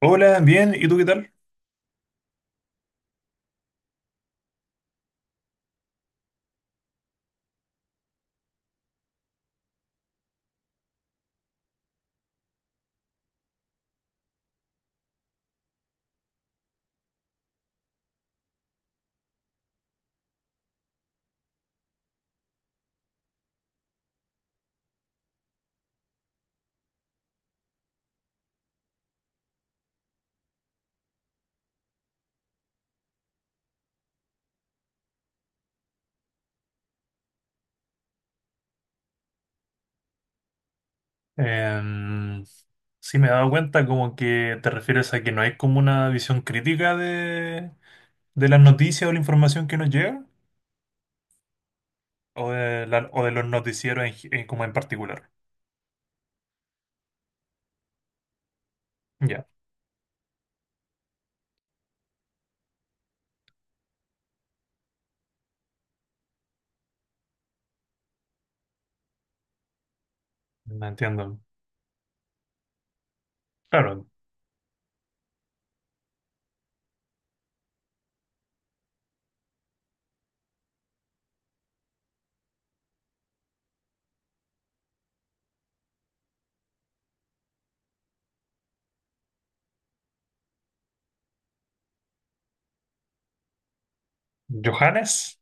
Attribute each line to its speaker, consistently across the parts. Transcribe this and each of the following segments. Speaker 1: Hola, bien, ¿y tú qué tal? Em, sí, me he dado cuenta como que te refieres a que no hay como una visión crítica de las noticias o la información que nos llega, o de, o de los noticieros en en como en particular. Ya, no entiendo. Claro, Johannes.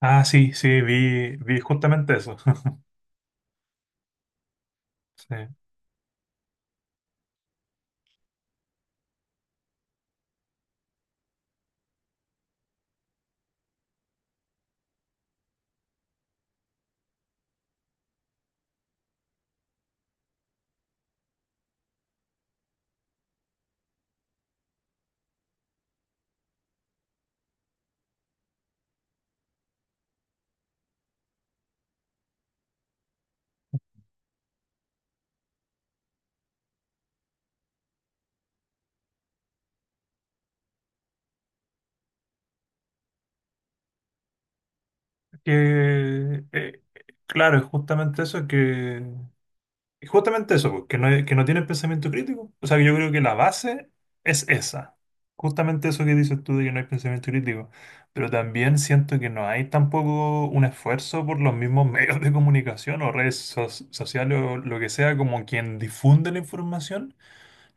Speaker 1: Ah, sí, sí, vi justamente eso. Sí. Que, claro, es justamente eso que... Y justamente eso, pues, que no tienen pensamiento crítico. O sea, que yo creo que la base es esa. Justamente eso que dices tú de que no hay pensamiento crítico. Pero también siento que no hay tampoco un esfuerzo por los mismos medios de comunicación o redes sociales o lo que sea, como quien difunde la información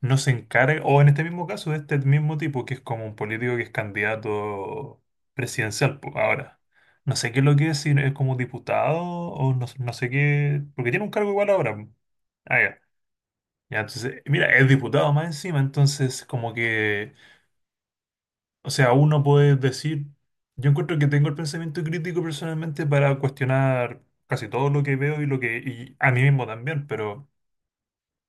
Speaker 1: no se encarga, o en este mismo caso, de este mismo tipo, que es como un político que es candidato presidencial, po, ahora. No sé qué es lo que es, si es como diputado o no, no sé qué, porque tiene un cargo igual ahora, po. Ah, ya. Ya, entonces, mira, es diputado más encima, entonces como que, o sea, uno puede decir, yo encuentro que tengo el pensamiento crítico personalmente para cuestionar casi todo lo que veo y lo que, y a mí mismo también, pero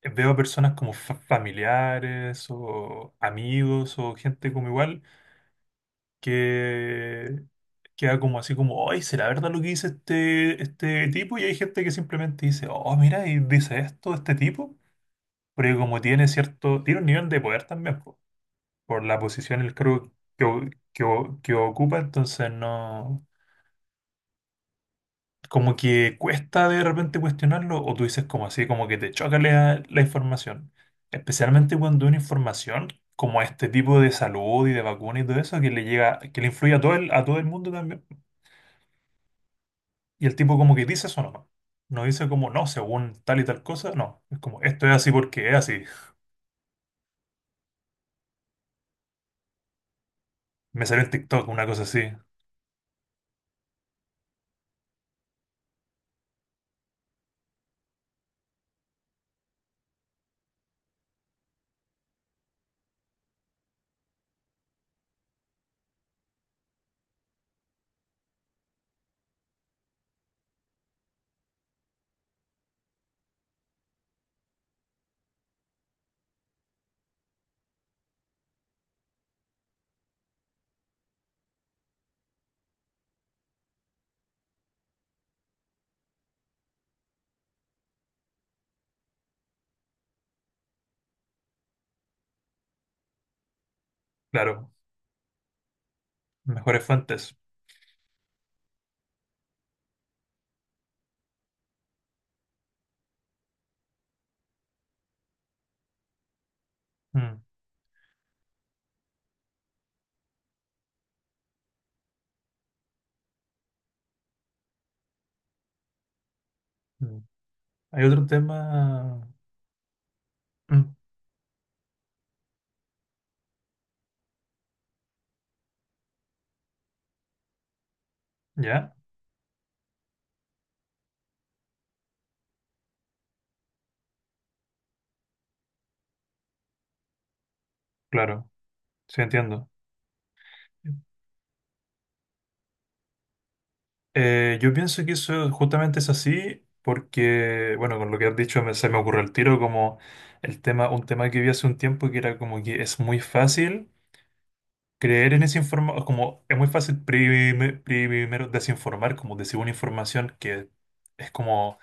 Speaker 1: veo a personas como familiares o amigos o gente como igual que queda como así como, oye, ¿será verdad lo que dice este, este tipo? Y hay gente que simplemente dice, oh, mira, y dice esto este tipo, porque como tiene cierto, tiene un nivel de poder también po, por la posición, el cargo que, que, que ocupa, entonces no... como que cuesta de repente cuestionarlo o tú dices como así, como que te choca la, la información. Especialmente cuando una información como este tipo de salud y de vacuna y todo eso que le llega, que le influye a todo el mundo también. Y el tipo como que dice eso nomás. No dice como no, según tal y tal cosa, no. Es como esto es así porque es así. Me salió en TikTok una cosa así. Claro, mejores fuentes. Mm, mm. Hay otro tema. Mm, ¿ya? Claro, sí entiendo. Yo pienso que eso justamente es así porque, bueno, con lo que has dicho se me ocurrió el tiro como el tema, un tema que vi hace un tiempo que era como que es muy fácil creer en esa información, como es muy fácil primero desinformar, como decir una información que es como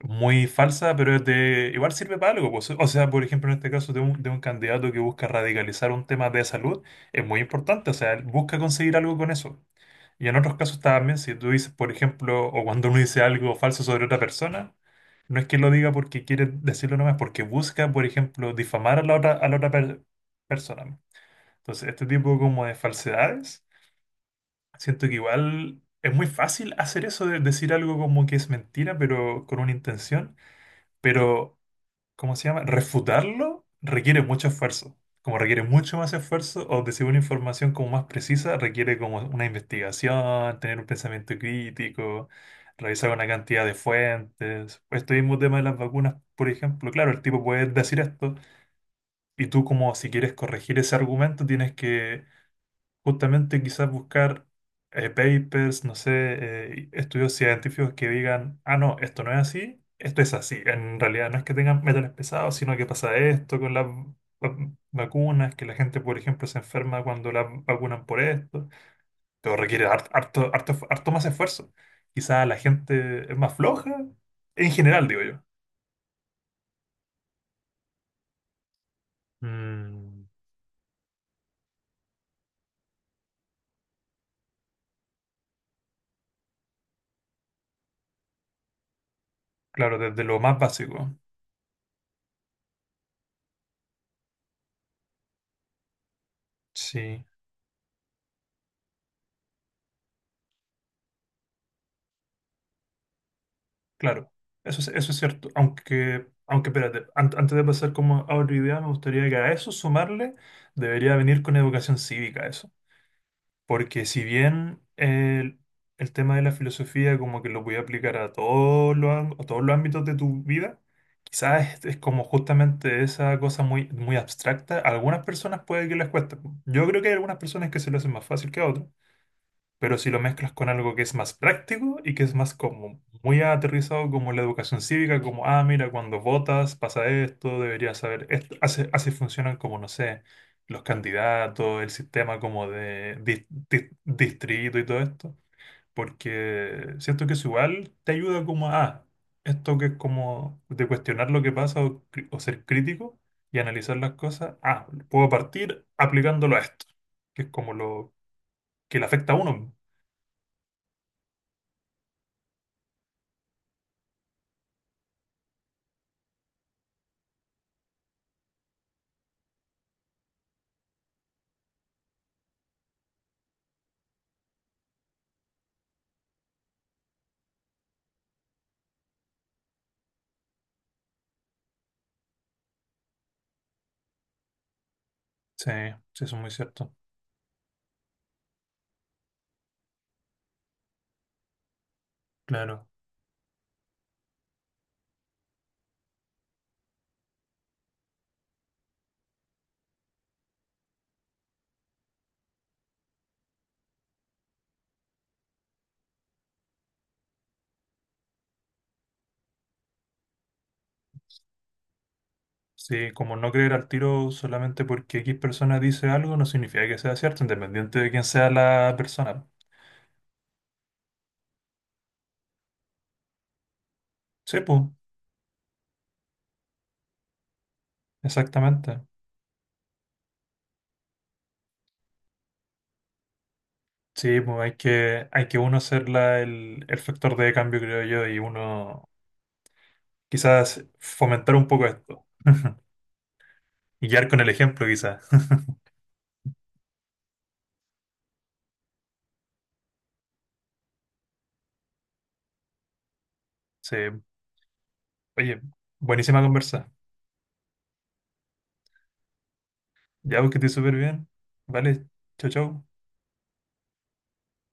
Speaker 1: muy falsa, pero es de, igual sirve para algo, pues. O sea, por ejemplo, en este caso de un candidato que busca radicalizar un tema de salud, es muy importante, o sea, él busca conseguir algo con eso. Y en otros casos también, si tú dices, por ejemplo, o cuando uno dice algo falso sobre otra persona, no es que lo diga porque quiere decirlo nomás, porque busca, por ejemplo, difamar a la otra persona. Entonces, este tipo como de falsedades, siento que igual es muy fácil hacer eso de decir algo como que es mentira, pero con una intención. Pero ¿cómo se llama? Refutarlo requiere mucho esfuerzo. Como requiere mucho más esfuerzo o decir una información como más precisa, requiere como una investigación, tener un pensamiento crítico, revisar una cantidad de fuentes. Este mismo tema de las vacunas, por ejemplo, claro, el tipo puede decir esto y tú como si quieres corregir ese argumento tienes que justamente quizás buscar papers, no sé, estudios científicos que digan, ah, no, esto no es así, esto es así. En realidad no es que tengan metales pesados, sino que pasa esto con las vacunas, que la gente, por ejemplo, se enferma cuando la vacunan por esto, pero requiere harto, harto, harto más esfuerzo. Quizás la gente es más floja, en general, digo yo. Mm, claro, desde lo más básico, sí. Claro, eso es cierto. Aunque, aunque espérate, antes de pasar como a otra idea, me gustaría que a eso sumarle debería venir con educación cívica eso. Porque si bien el tema de la filosofía como que lo voy a aplicar a todos los, a todos los ámbitos de tu vida, quizás es como justamente esa cosa muy, muy abstracta. A algunas personas puede que les cueste. Yo creo que hay algunas personas que se lo hacen más fácil que a otras. Pero si lo mezclas con algo que es más práctico y que es más como muy aterrizado como la educación cívica, como, ah, mira, cuando votas pasa esto, deberías saber esto, así, así funcionan como, no sé, los candidatos, el sistema como de distrito y todo esto, porque siento que eso igual te ayuda como a, ah, esto que es como de cuestionar lo que pasa o, o ser crítico y analizar las cosas, ah, puedo partir aplicándolo a esto, que es como lo que le afecta a uno. Sí, sí, eso es muy cierto. Claro. Sí, como no creer al tiro solamente porque X persona dice algo no significa que sea cierto, independiente de quién sea la persona. Sí, pues, exactamente. Sí, pues hay que uno ser el factor de cambio, creo yo, y uno quizás fomentar un poco esto. Y guiar con el ejemplo, quizás. Sí. Oye, buenísima conversa. Ya, pues que te súper bien. Vale, chau, chau.